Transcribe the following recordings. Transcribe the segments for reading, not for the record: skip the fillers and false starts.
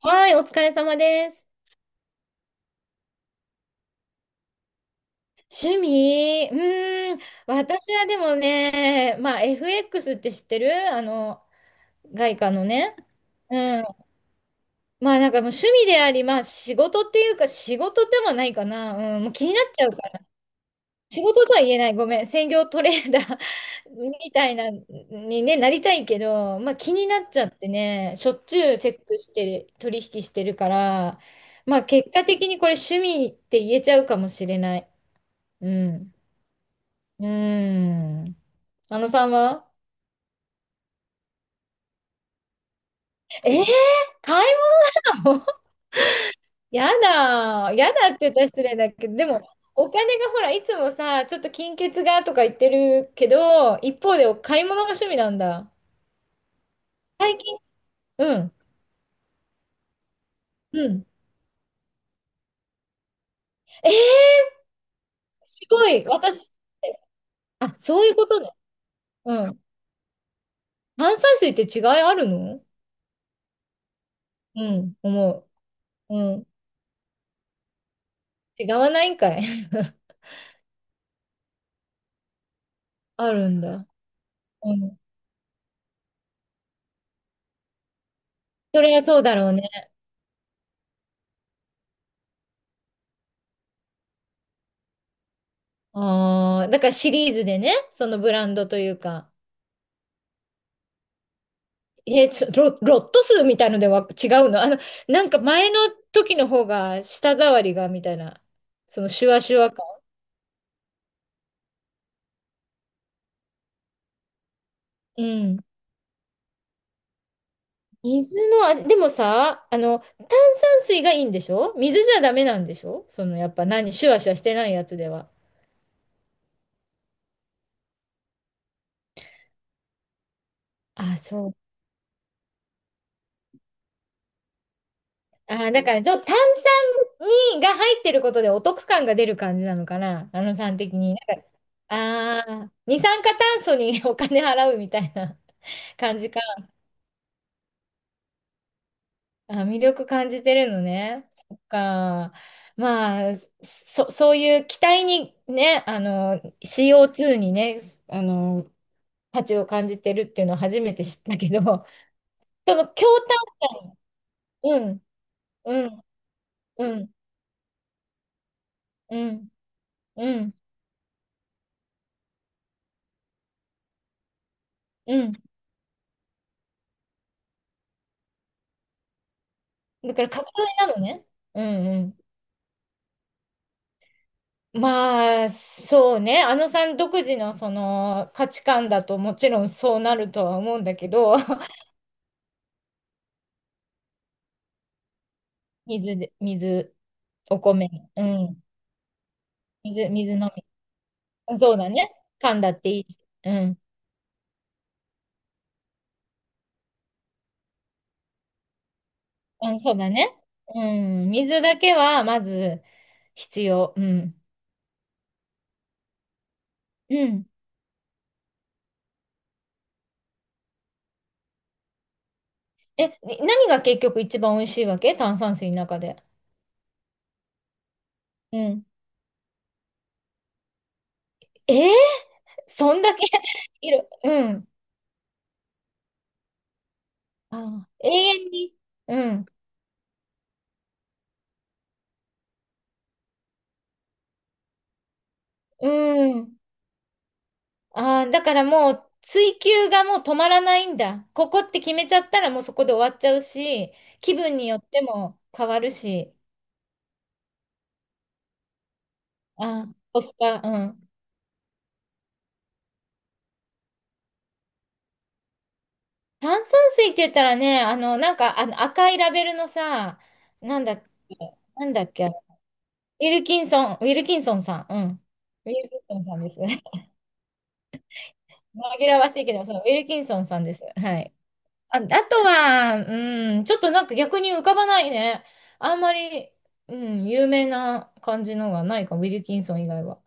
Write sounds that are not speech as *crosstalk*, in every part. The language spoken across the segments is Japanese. はい、お疲れ様です。趣味、私はでもね、まあ FX って知ってるあの、外貨のね。うん。まあなんかもう趣味であり、まあ仕事っていうか仕事ではないかな。うん、もう気になっちゃうから。仕事とは言えない。ごめん。専業トレーダー *laughs* みたいな、にね、なりたいけど、まあ気になっちゃってね、しょっちゅうチェックしてる、取引してるから、まあ結果的にこれ趣味って言えちゃうかもしれない。うん。うーん。あのさんはえー、買い物 *laughs* やだー。やだって言ったら失礼だけど、でも、お金がほら、いつもさ、ちょっと金欠がとか言ってるけど、一方で買い物が趣味なんだ。最近、うん、うん。えー、すごい。私、あ、そういうことね。うん。炭酸水って違いあるの、うん、思う。うん。違わないんかい。*laughs* あるんだ。うん。それはそうだろうね。ああ、だからシリーズでね、そのブランドというか、えー、ちょロ、ロット数みたいのでは違うのあの、なんか前の時の方が舌触りがみたいな、そのシュワシュワ感。うん。水の、あでもさ、あの、炭酸水がいいんでしょ水じゃダメなんでしょその、やっぱ何、シュワシュワしてないやつでは。あ、そう。あ、だからちょっと炭酸にが入ってることでお得感が出る感じなのかな、あのさん的に。ああ、二酸化炭素に *laughs* お金払うみたいな感じか。*laughs* あ、魅力感じてるのね。そっか。まあ、そ、そういう期待にね、あの、CO2 にね、あの、価値を感じてるっていうのは初めて知ったけど、*laughs* その強炭、うん、うん、うん、うん、うん、うん。だから架空なのね。うん、うん。まあ、そうね。あのさん独自のその価値観だともちろんそうなるとは思うんだけど、*laughs* 水で、水、お米、うん。水、水飲み。そうだね。噛んだっていいし。うん。うん、そうだね。うん。水だけはまず必要。うん。うん。え、に何が結局一番美味しいわけ炭酸水の中で。うん。えー、そんだけ *laughs* いる。うん。あー、永遠に。うん。うん。ああ、だからもう追求がもう止まらないんだ。ここって決めちゃったらもうそこで終わっちゃうし、気分によっても変わるし、あー、コスパ、うん。炭酸水って言ったらね、あの、なんかあの赤いラベルのさ、なんだっけ、なんだっけ、ウィルキンソン、ウィルキンソンさん、うん。ウィルキンソンさんです。*laughs* 紛らわしいけど、そう、ウィルキンソンさんです。はい。あ、あとは、うん、ちょっとなんか逆に浮かばないね。あんまり、うん、有名な感じのがないかウィルキンソン以外は。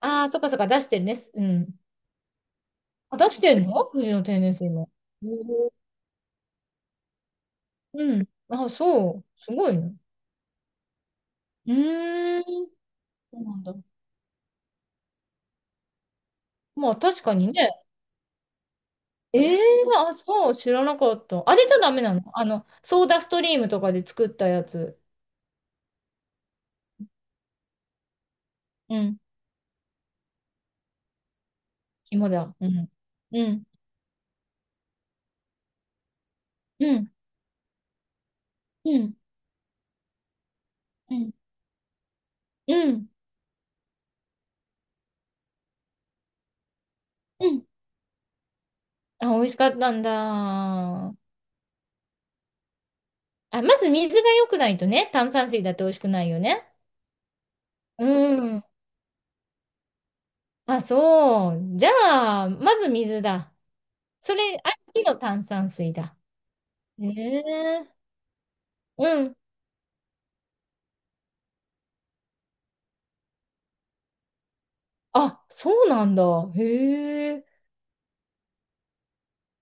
ああ、そっかそっか、出してるね。うん。あ、出してんの藤野天然水も。へー、うん。あ、そう。すごいね。うーん。そうなんだ。まあ、確かにね。ええ、あ、そう、知らなかった。あれじゃダメなのあの、ソーダストリームとかで作ったやつ。うん。紐だ。うん。うん。うん。うん。うん。うん。うん。あ、美味しかったんだ。あ、まず水が良くないとね、炭酸水だって美味しくないよね。うん。あ、そう。じゃあ、まず水だ。それ、ありきの炭酸水だ。へえ。うん。あ、そうなんだ。へえ。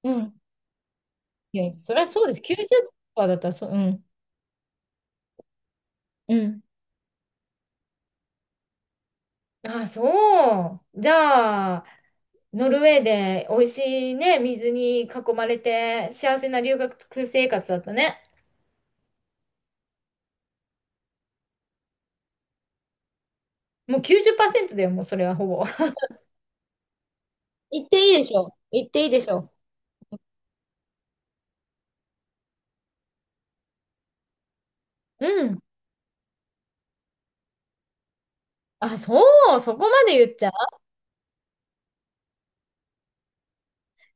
うん。いや、そりゃそうです。90%だったら、そう、うん。うん。あ、そう。じゃあ、ノルウェーで美味しいね、水に囲まれて幸せな留学生活だったね。もう90%だよ、もうそれはほぼ。*laughs* 言っていいでしょ。言っていいでしょ。うん。あ、そう、そこまで言っちゃ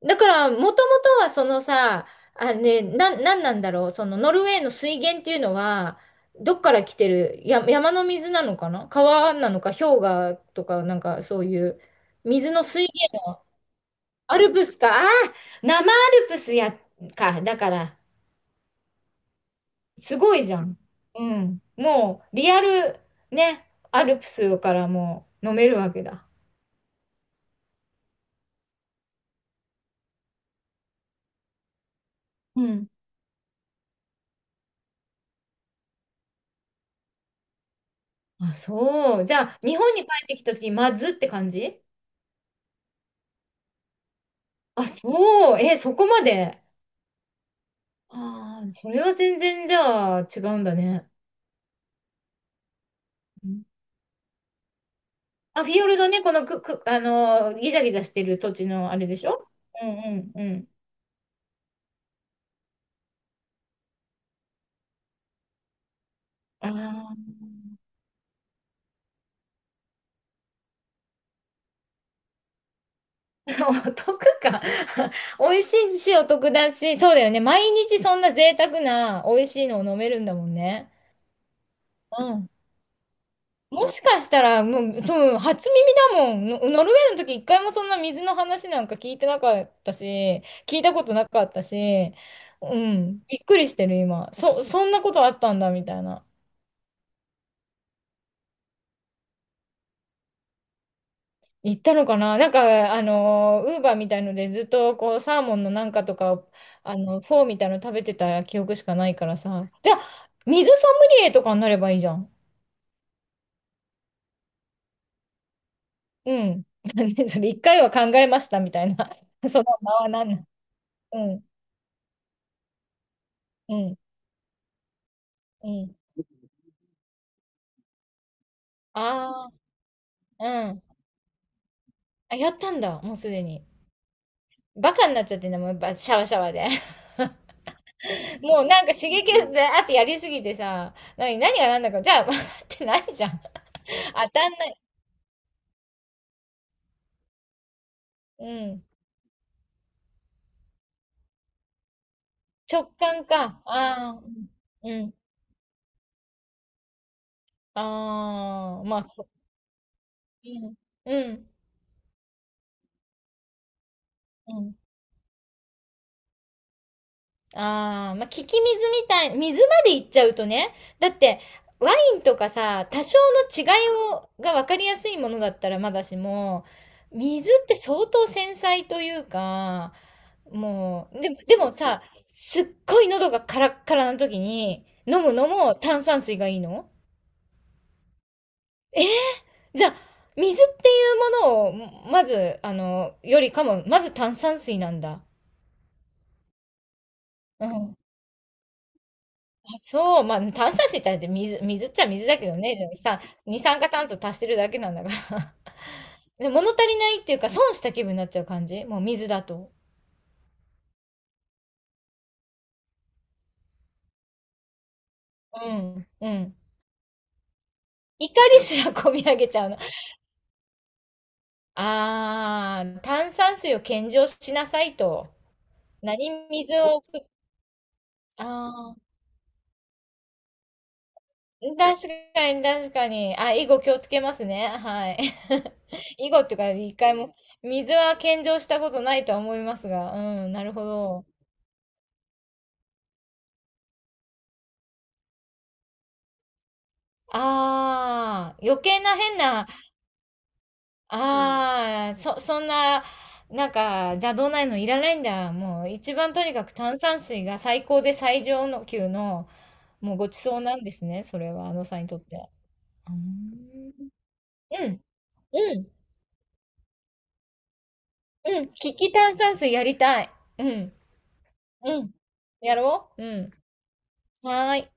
う。だから、もともとはそのさ、あね、な、なんなんだろう、そのノルウェーの水源っていうのは、どっから来てる、や、山の水なのかな川なのか、氷河とか、なんかそういう、水の水源、アルプスか、あー、生アルプスや、か、だから、すごいじゃん。うん。もう、リアル、ね、アルプスからもう飲めるわけだ。うん。あ、そう。じゃあ、日本に帰ってきた時まずって感じ。あ、そう。え、そこまで。ああ、それは全然じゃあ違うんだね。うん、あ、フィヨルドね、このく、く、あのーギザギザしてる土地のあれでしょ。うんうんうん。あお得か *laughs* 美味しいしお得だし、そうだよね。毎日そんな贅沢な美味しいのを飲めるんだもんね。うん。もしかしたら、もう、そう、初耳だもん。のノルウェーの時一回もそんな水の話なんか聞いてなかったし、聞いたことなかったし、うん。びっくりしてる、今。そ、そんなことあったんだ、みたいな。行ったのかななんか、あの、ウーバーみたいのでずっとこう、サーモンのなんかとかを、あの、フォーみたいの食べてた記憶しかないからさ。じゃあ、水ソムリエとかになればいいじゃん。うん。*laughs* ねそれ、一回は考えましたみたいな。*laughs* その名は何なん、うん、うん、うん。ああ、うん。あ、やったんだ、もうすでに。バカになっちゃってんだもん、やっぱシャワシャワで。*laughs* もうなんか刺激であってやりすぎてさ、何、何が何だか、じゃあ、*laughs* ってないじゃん。当たんない。うん。直感か。ああ、うん。うん。ああ、まあ、そう。うん。うん。うん。ああ、まあ、聞き水みたい、水まで行っちゃうとね。だって、ワインとかさ、多少の違いを、が分かりやすいものだったらまだしも、水って相当繊細というか、もう、でも、でもさ、すっごい喉がカラッカラな時に、飲むのも炭酸水がいいの。じゃあ、水っていうものを、まず、あの、よりかも、まず炭酸水なんだ。うん。あ、そう、まあ、炭酸水ってだって水、水っちゃ水だけどね、でもさ、二酸化炭素足してるだけなんだから。*laughs* で、物足りないっていうか、損した気分になっちゃう感じもう水だと。うん、うん。怒りすらこみ上げちゃうの。あー、炭酸水を献上しなさいと。何水を送っ、あ確かに、確かに。あ、以後気をつけますね。はい。*laughs* 以後っていうか、一回も、水は献上したことないとは思いますが、うん、なるほど。ああ、余計な変な、ああ、そ、そんな、なんか、邪道ないのいらないんだ。もう、一番とにかく炭酸水が最高で最上の級の、もうごちそうなんですね。それは、あのさんにとって。うーん、うん、うん、うん。利き炭酸水やりたい。うん。うん。やろううん。はーい。